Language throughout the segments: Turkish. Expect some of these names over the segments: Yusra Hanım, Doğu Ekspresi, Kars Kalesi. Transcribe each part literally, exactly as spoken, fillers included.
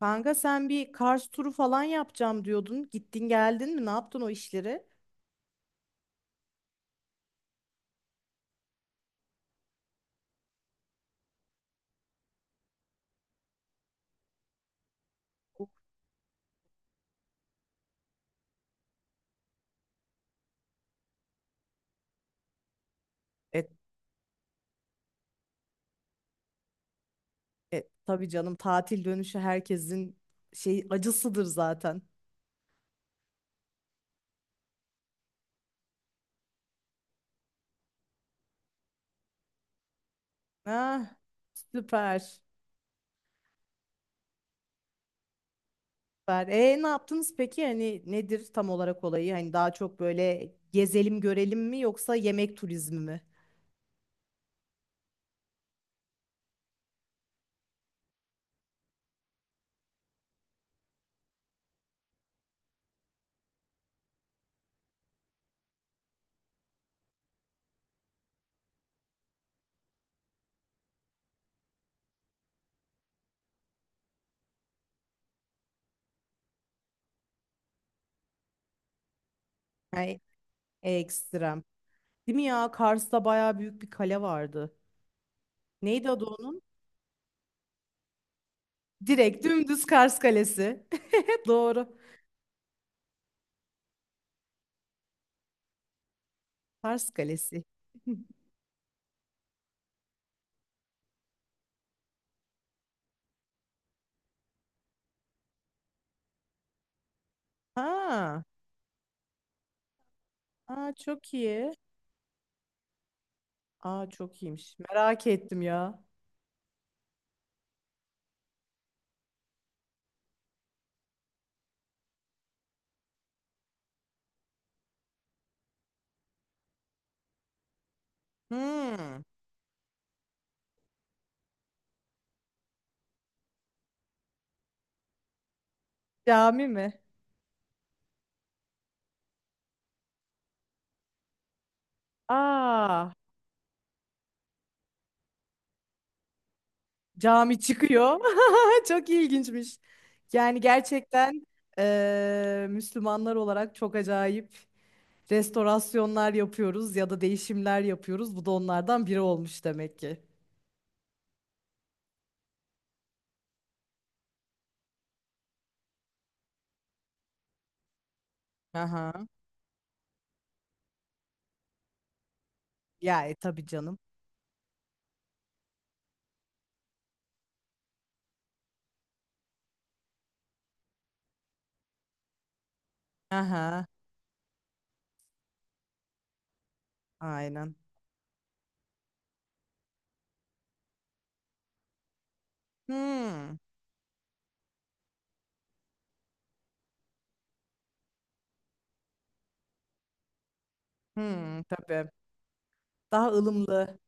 Kanka sen bir Kars turu falan yapacağım diyordun. Gittin geldin mi? Ne yaptın o işleri? E, e, tabii canım, tatil dönüşü herkesin şey acısıdır zaten. Ah, süper. Süper. E, ne yaptınız peki? Hani nedir tam olarak olayı? Hani daha çok böyle gezelim görelim mi yoksa yemek turizmi mi? Yani ekstrem. Değil mi ya? Kars'ta bayağı büyük bir kale vardı. Neydi adı onun? Direkt dümdüz Kars Kalesi. Doğru. Kars Kalesi. Ha, aa, çok iyi. Aa, çok iyiymiş. Merak ettim ya. Hmm. Cami mi? Aa, cami çıkıyor. Çok ilginçmiş. Yani gerçekten eee, Müslümanlar olarak çok acayip restorasyonlar yapıyoruz ya da değişimler yapıyoruz. Bu da onlardan biri olmuş demek ki. Aha. Ya e, tabii canım. Aha. Aynen. Hmm. Hmm, tabii. Daha ılımlı.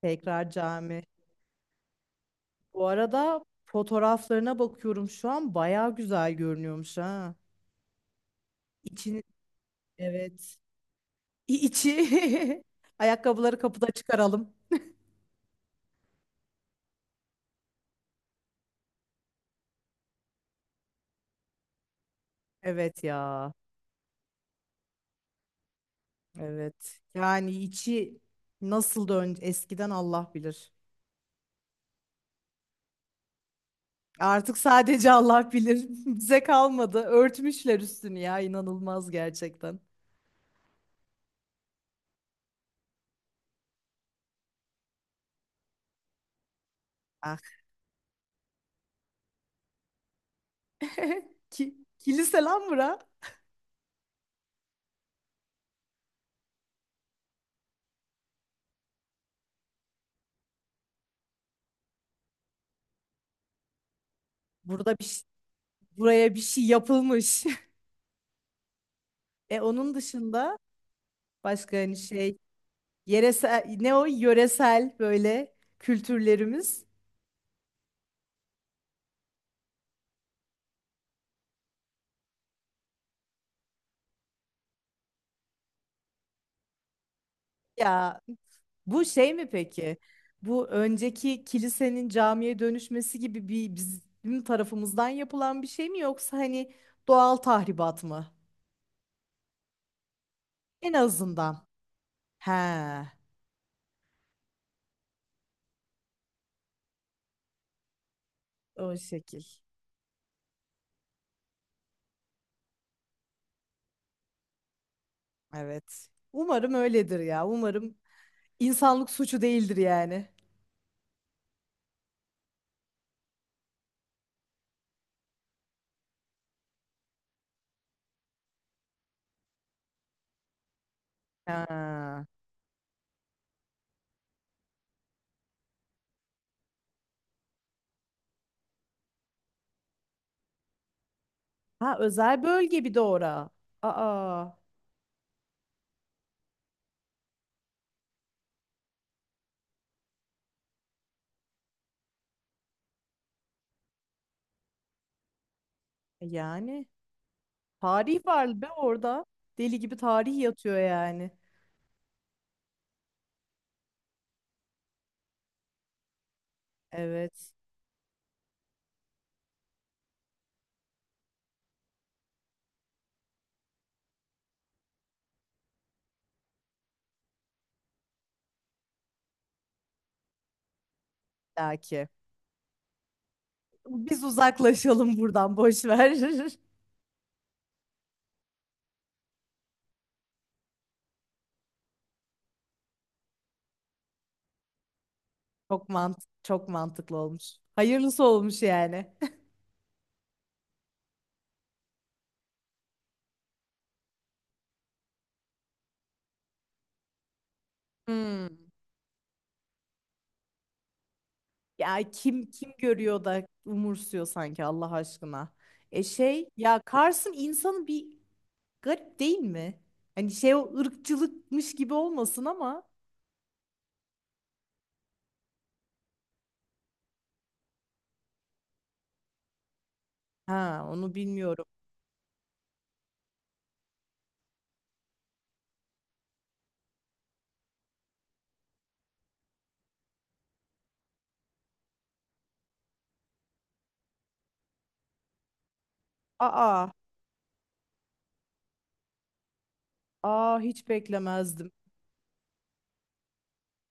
Tekrar cami. Bu arada fotoğraflarına bakıyorum şu an bayağı güzel görünüyormuş ha. İçini, evet. İ- İçi. Ayakkabıları kapıda çıkaralım. Evet ya. Evet. Yani içi nasıl dön eskiden Allah bilir. Artık sadece Allah bilir. Bize kalmadı. Örtmüşler üstünü ya, inanılmaz gerçekten. Ah. Ki kilise lan bura. Burada bir şey- Buraya bir şey yapılmış. E, onun dışında başka hani şey, Yeresel, ne o, yöresel böyle kültürlerimiz. Ya, bu şey mi peki? Bu, önceki kilisenin camiye dönüşmesi gibi bir bizim tarafımızdan yapılan bir şey mi, yoksa hani doğal tahribat mı? En azından. He, o şekil. Evet. Umarım öyledir ya. Umarım insanlık suçu değildir yani. Ha, ha, özel bölge bir de ora. Aa, yani. Tarih var be orada. Deli gibi tarih yatıyor yani. Evet, belki. Biz uzaklaşalım buradan, boş ver. Çok mantık, çok mantıklı olmuş. Hayırlısı olmuş yani. Hmm. Ya, kim kim görüyor da umursuyor sanki, Allah aşkına. E şey ya, Kars'ın insanı bir garip değil mi? Hani şey, o ırkçılıkmış gibi olmasın ama. Ha, onu bilmiyorum. Aa, aa, hiç beklemezdim.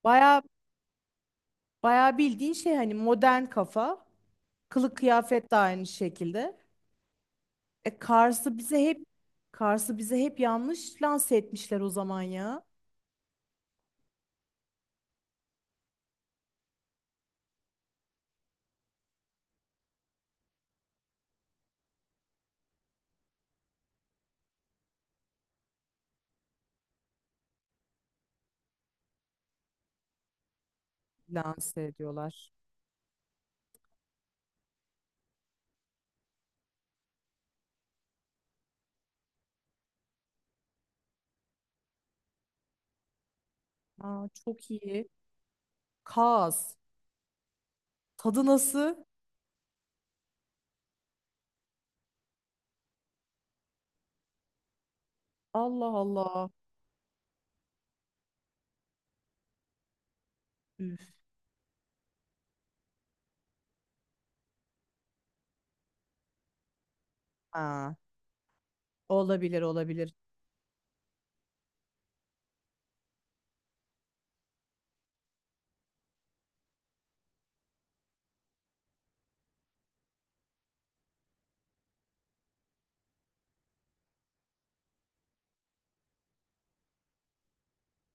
Baya Bayağı bildiğin şey, hani modern kafa. Kılık kıyafet de aynı şekilde. E Kars'ı bize hep Kars'ı bize hep yanlış lanse etmişler o zaman ya. Lanse ediyorlar. Aa, çok iyi. Kaz. Tadı nasıl? Allah Allah. Üf. Ha, olabilir olabilir.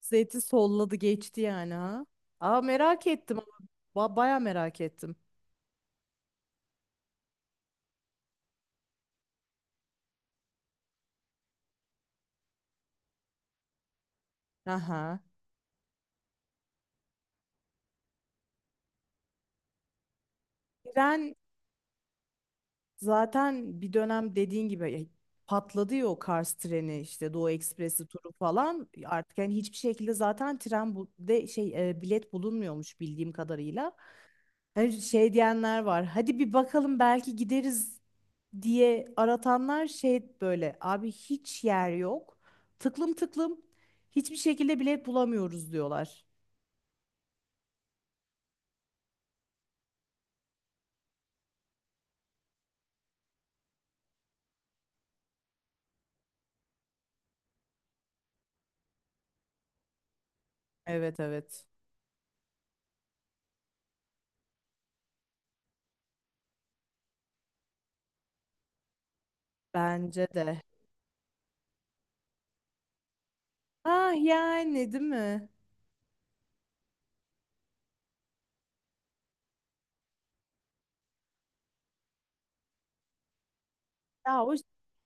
Zeytin solladı geçti yani ha. Aa, merak ettim ama ba- baya merak ettim. Aha. İren. Zaten bir dönem dediğin gibi ya, patladı ya o Kars treni işte, Doğu Ekspresi turu falan, artık yani hiçbir şekilde zaten tren bu de şey, e, bilet bulunmuyormuş bildiğim kadarıyla. Hani şey diyenler var. Hadi bir bakalım belki gideriz diye aratanlar, şey böyle, abi hiç yer yok. Tıklım tıklım hiçbir şekilde bilet bulamıyoruz diyorlar. Evet, evet. Bence de. Ah, yani değil mi? Ya o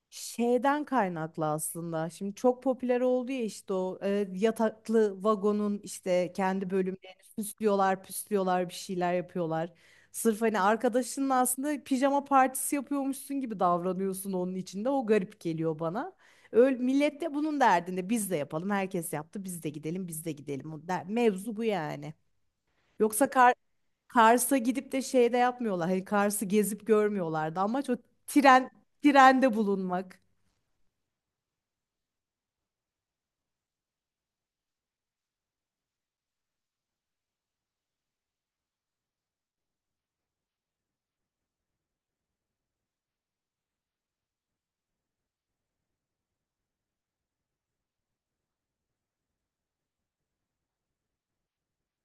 Şeyden kaynaklı aslında. Şimdi çok popüler oldu ya işte o e, yataklı vagonun işte kendi bölümlerini süslüyorlar, püslüyorlar, bir şeyler yapıyorlar. Sırf hani arkadaşının aslında pijama partisi yapıyormuşsun gibi davranıyorsun onun içinde. O garip geliyor bana. Öyle millet de bunun derdinde, biz de yapalım. Herkes yaptı. Biz de gidelim, biz de gidelim. O der- Mevzu bu yani. Yoksa Kar Kars'a gidip de şeyde yapmıyorlar. Hani Kars'ı gezip görmüyorlardı. Amaç o tren trende bulunmak.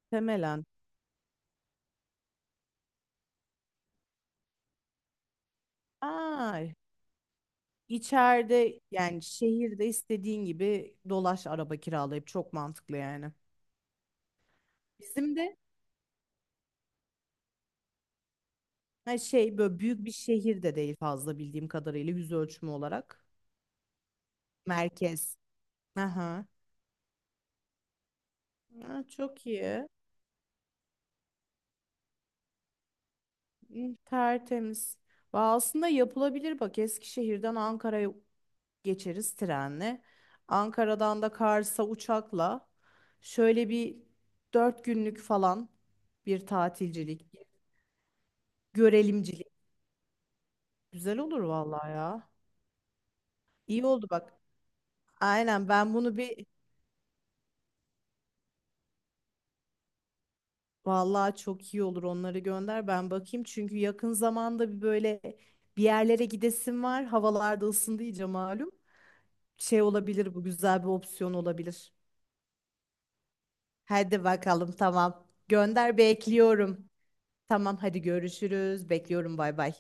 Temelen. Aa, içeride yani şehirde istediğin gibi dolaş, araba kiralayıp, çok mantıklı yani. Bizim de, ha şey, böyle büyük bir şehir de değil fazla bildiğim kadarıyla, yüz ölçümü olarak. Merkez. Aha. Ha, çok iyi. Hı, tertemiz. Va, aslında yapılabilir bak, Eskişehir'den Ankara'ya geçeriz trenle. Ankara'dan da Kars'a uçakla, şöyle bir dört günlük falan bir tatilcilik. Görelimcilik. Güzel olur vallahi ya. İyi oldu bak. Aynen, ben bunu bir, vallahi çok iyi olur, onları gönder ben bakayım. Çünkü yakın zamanda bir böyle bir yerlere gidesim var. Havalarda ısındı iyice malum. Şey olabilir, bu güzel bir opsiyon olabilir. Hadi bakalım, tamam. Gönder, bekliyorum. Tamam hadi, görüşürüz. Bekliyorum, bay bay.